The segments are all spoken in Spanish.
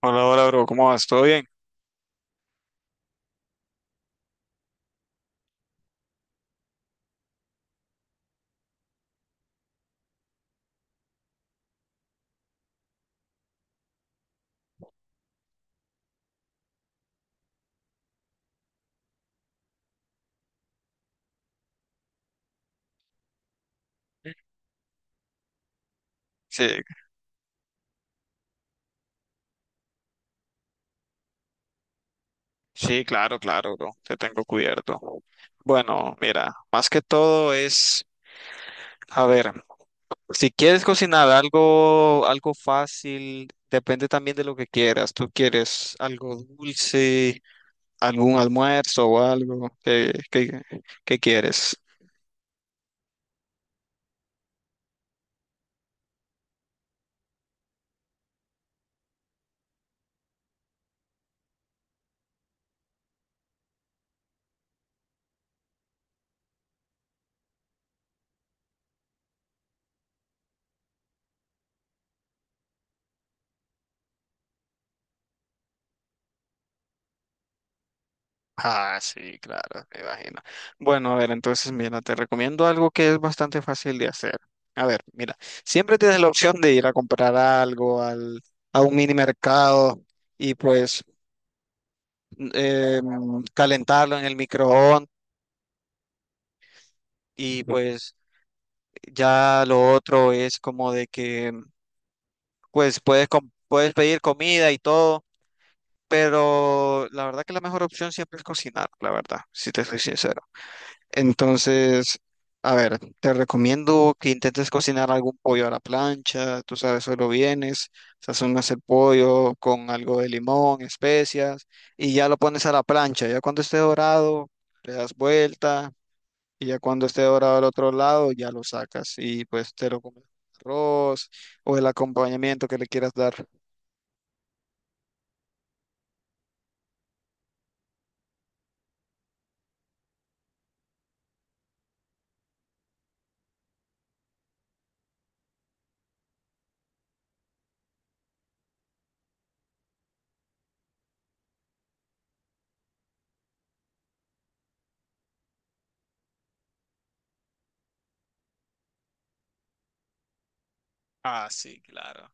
Hola, hola, bro, ¿cómo vas? ¿Todo bien? Sí, sí, claro, claro, bro, te tengo cubierto. Bueno, mira, más que todo es, a ver, si quieres cocinar algo, algo fácil, depende también de lo que quieras. ¿Tú quieres algo dulce, algún almuerzo o algo? ¿¿Qué quieres? Ah, sí, claro, me imagino. Bueno, a ver, entonces mira, te recomiendo algo que es bastante fácil de hacer. A ver, mira, siempre tienes la opción de ir a comprar algo al, a un mini mercado y pues calentarlo en el microondas y pues ya lo otro es como de que pues puedes, puedes pedir comida y todo, pero la verdad que la mejor opción siempre es cocinar, la verdad, si te soy sincero. Entonces, a ver, te recomiendo que intentes cocinar algún pollo a la plancha, tú sabes, solo vienes, sazonas el pollo con algo de limón, especias, y ya lo pones a la plancha. Ya cuando esté dorado, le das vuelta, y ya cuando esté dorado al otro lado, ya lo sacas y pues te lo comes con arroz o el acompañamiento que le quieras dar. Ah, sí, claro.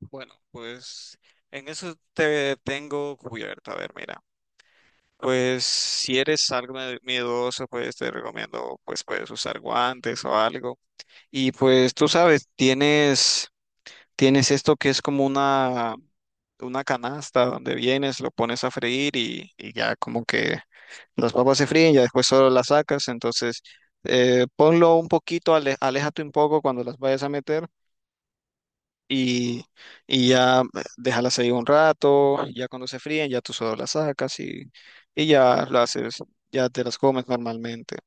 Bueno, pues en eso te tengo cubierto. A ver, mira. Pues si eres algo miedoso, pues te recomiendo, pues puedes usar guantes o algo. Y pues tú sabes, tienes esto que es como una canasta donde vienes, lo pones a freír y ya como que las papas se fríen, ya después solo las sacas. Entonces, ponlo un poquito, aléjate un poco cuando las vayas a meter y, y ya déjalas ahí un rato, ya cuando se fríen, ya tú solo las sacas y ya las haces, ya te las comes normalmente.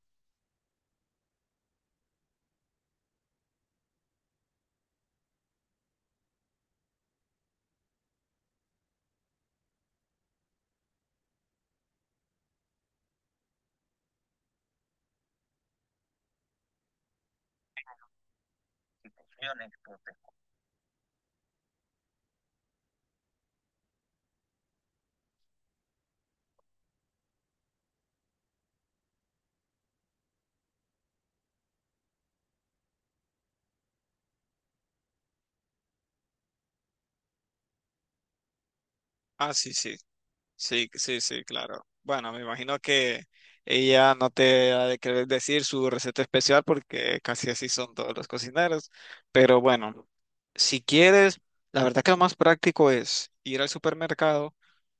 Ah, sí, sí. Sí, sí, sí, claro. Bueno, me imagino que ella no te ha de querer decir su receta especial porque casi así son todos los cocineros. Pero bueno, si quieres, la verdad que lo más práctico es ir al supermercado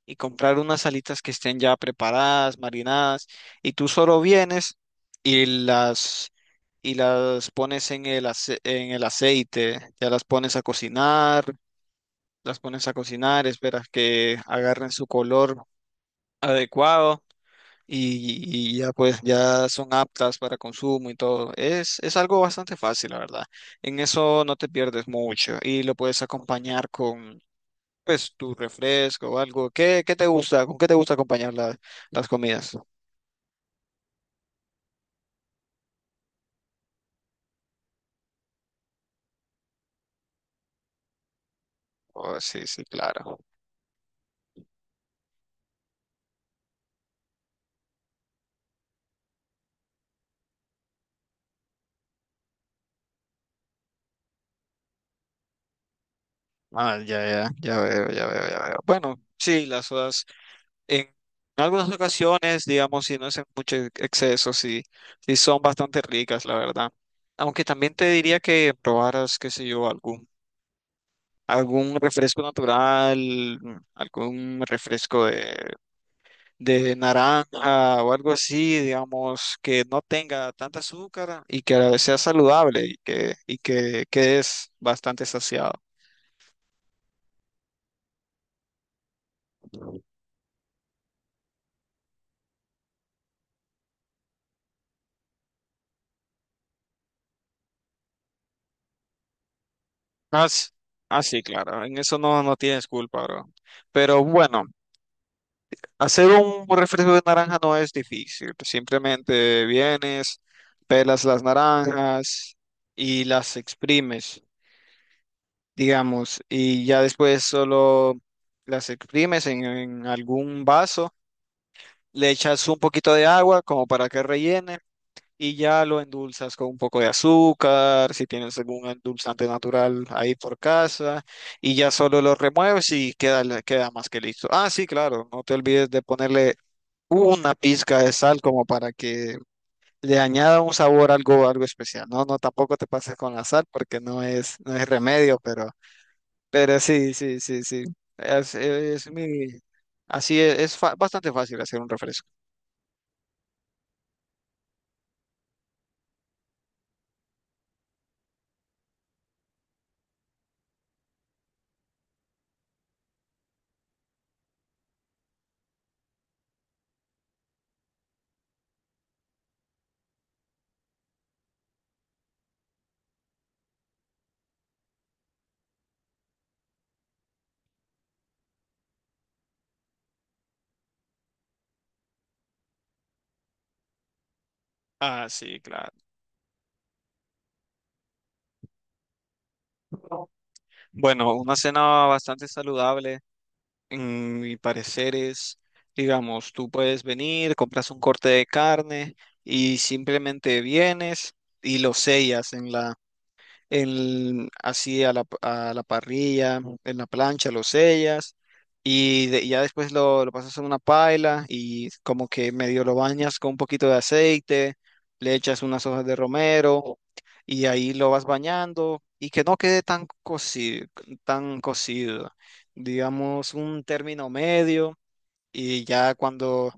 y comprar unas alitas que estén ya preparadas, marinadas, y tú solo vienes y las y las pones en el en el aceite, ya las pones a cocinar, las pones a cocinar, esperas que agarren su color adecuado y ya pues ya son aptas para consumo y todo. Es algo bastante fácil, la verdad. En eso no te pierdes mucho y lo puedes acompañar con pues tu refresco o algo. ¿Qué, qué te gusta? ¿Con qué te gusta acompañar las comidas? Oh, sí, sí, claro. Ah, ya, ya, ya veo, ya veo, ya veo. Bueno, sí, las sodas. En algunas ocasiones, digamos, si no es en mucho exceso, sí, sí son bastante ricas, la verdad. Aunque también te diría que probaras, qué sé yo, algún, algún refresco natural, algún refresco de naranja o algo así, digamos, que no tenga tanta azúcar y que a la vez sea saludable y que es bastante saciado. Ah, s- ah, sí, claro, en eso no, no tienes culpa, bro. Pero bueno. Hacer un refresco de naranja no es difícil. Simplemente vienes, pelas las naranjas y las exprimes, digamos, y ya después solo las exprimes en algún vaso, le echas un poquito de agua como para que rellene y ya lo endulzas con un poco de azúcar, si tienes algún endulzante natural ahí por casa, y ya solo lo remueves y queda, queda más que listo. Ah, sí, claro, no te olvides de ponerle una pizca de sal como para que le añada un sabor algo, algo especial. No, no, tampoco te pases con la sal porque no es, no es remedio, pero sí, sí, sí, sí. Es mi, así es, bastante fácil hacer un refresco. Ah, sí, claro. Bueno, una cena bastante saludable, en mi parecer es, digamos, tú puedes venir, compras un corte de carne y simplemente vienes y lo sellas en la así a la parrilla, en la plancha, lo sellas y ya después lo pasas en una paila y como que medio lo bañas con un poquito de aceite, le echas unas hojas de romero y ahí lo vas bañando y que no quede tan cocido, digamos un término medio y ya cuando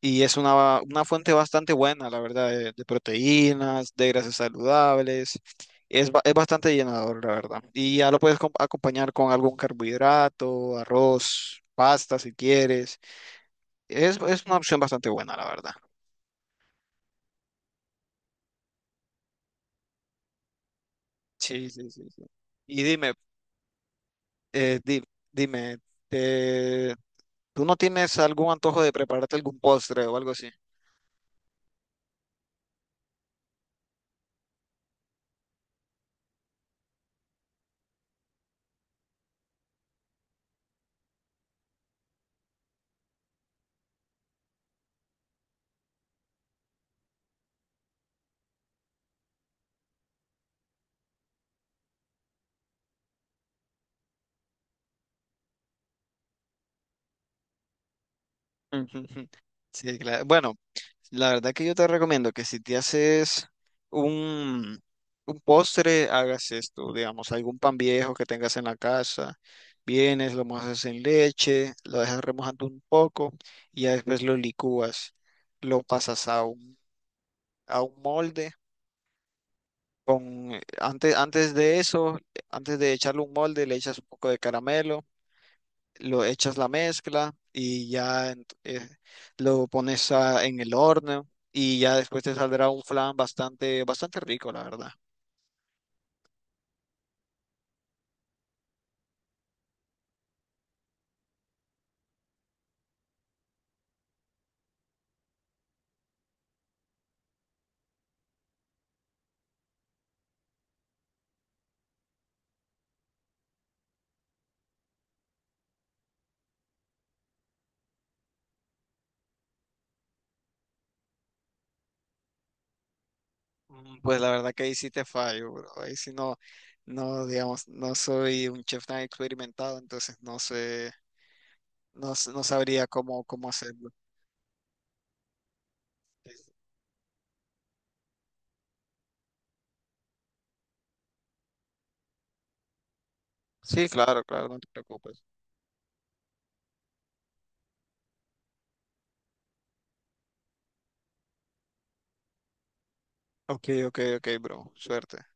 y es una fuente bastante buena, la verdad, de proteínas, de grasas saludables. Es, es bastante llenador, la verdad. Y ya lo puedes acompañar con algún carbohidrato, arroz, pasta si quieres. Es una opción bastante buena, la verdad. Sí, sí, sí, sí. Y dime, eh, di- dime, eh, ¿tú no tienes algún antojo de prepararte algún postre o algo así? Ujú, ujú. Sí, claro. Bueno. La verdad que yo te recomiendo que si te haces un, un postre, hagas esto, digamos, algún pan viejo que tengas en la casa, vienes, lo mojas en leche, lo dejas remojando un poco y ya después lo licúas, lo pasas a un molde. Con, antes, antes de eso, antes de echarle un molde, le echas un poco de caramelo lo echas la mezcla y ya lo pones en el horno y ya después te saldrá un flan bastante, bastante rico, la verdad. Pues la verdad que ahí sí te fallo, bro. Ahí sí no, no, digamos, no soy un chef tan experimentado, entonces no sé, no, no sabría cómo, cómo hacerlo. Sí, claro, claro, no te preocupes. Ok, ok, ok, bro. Suerte.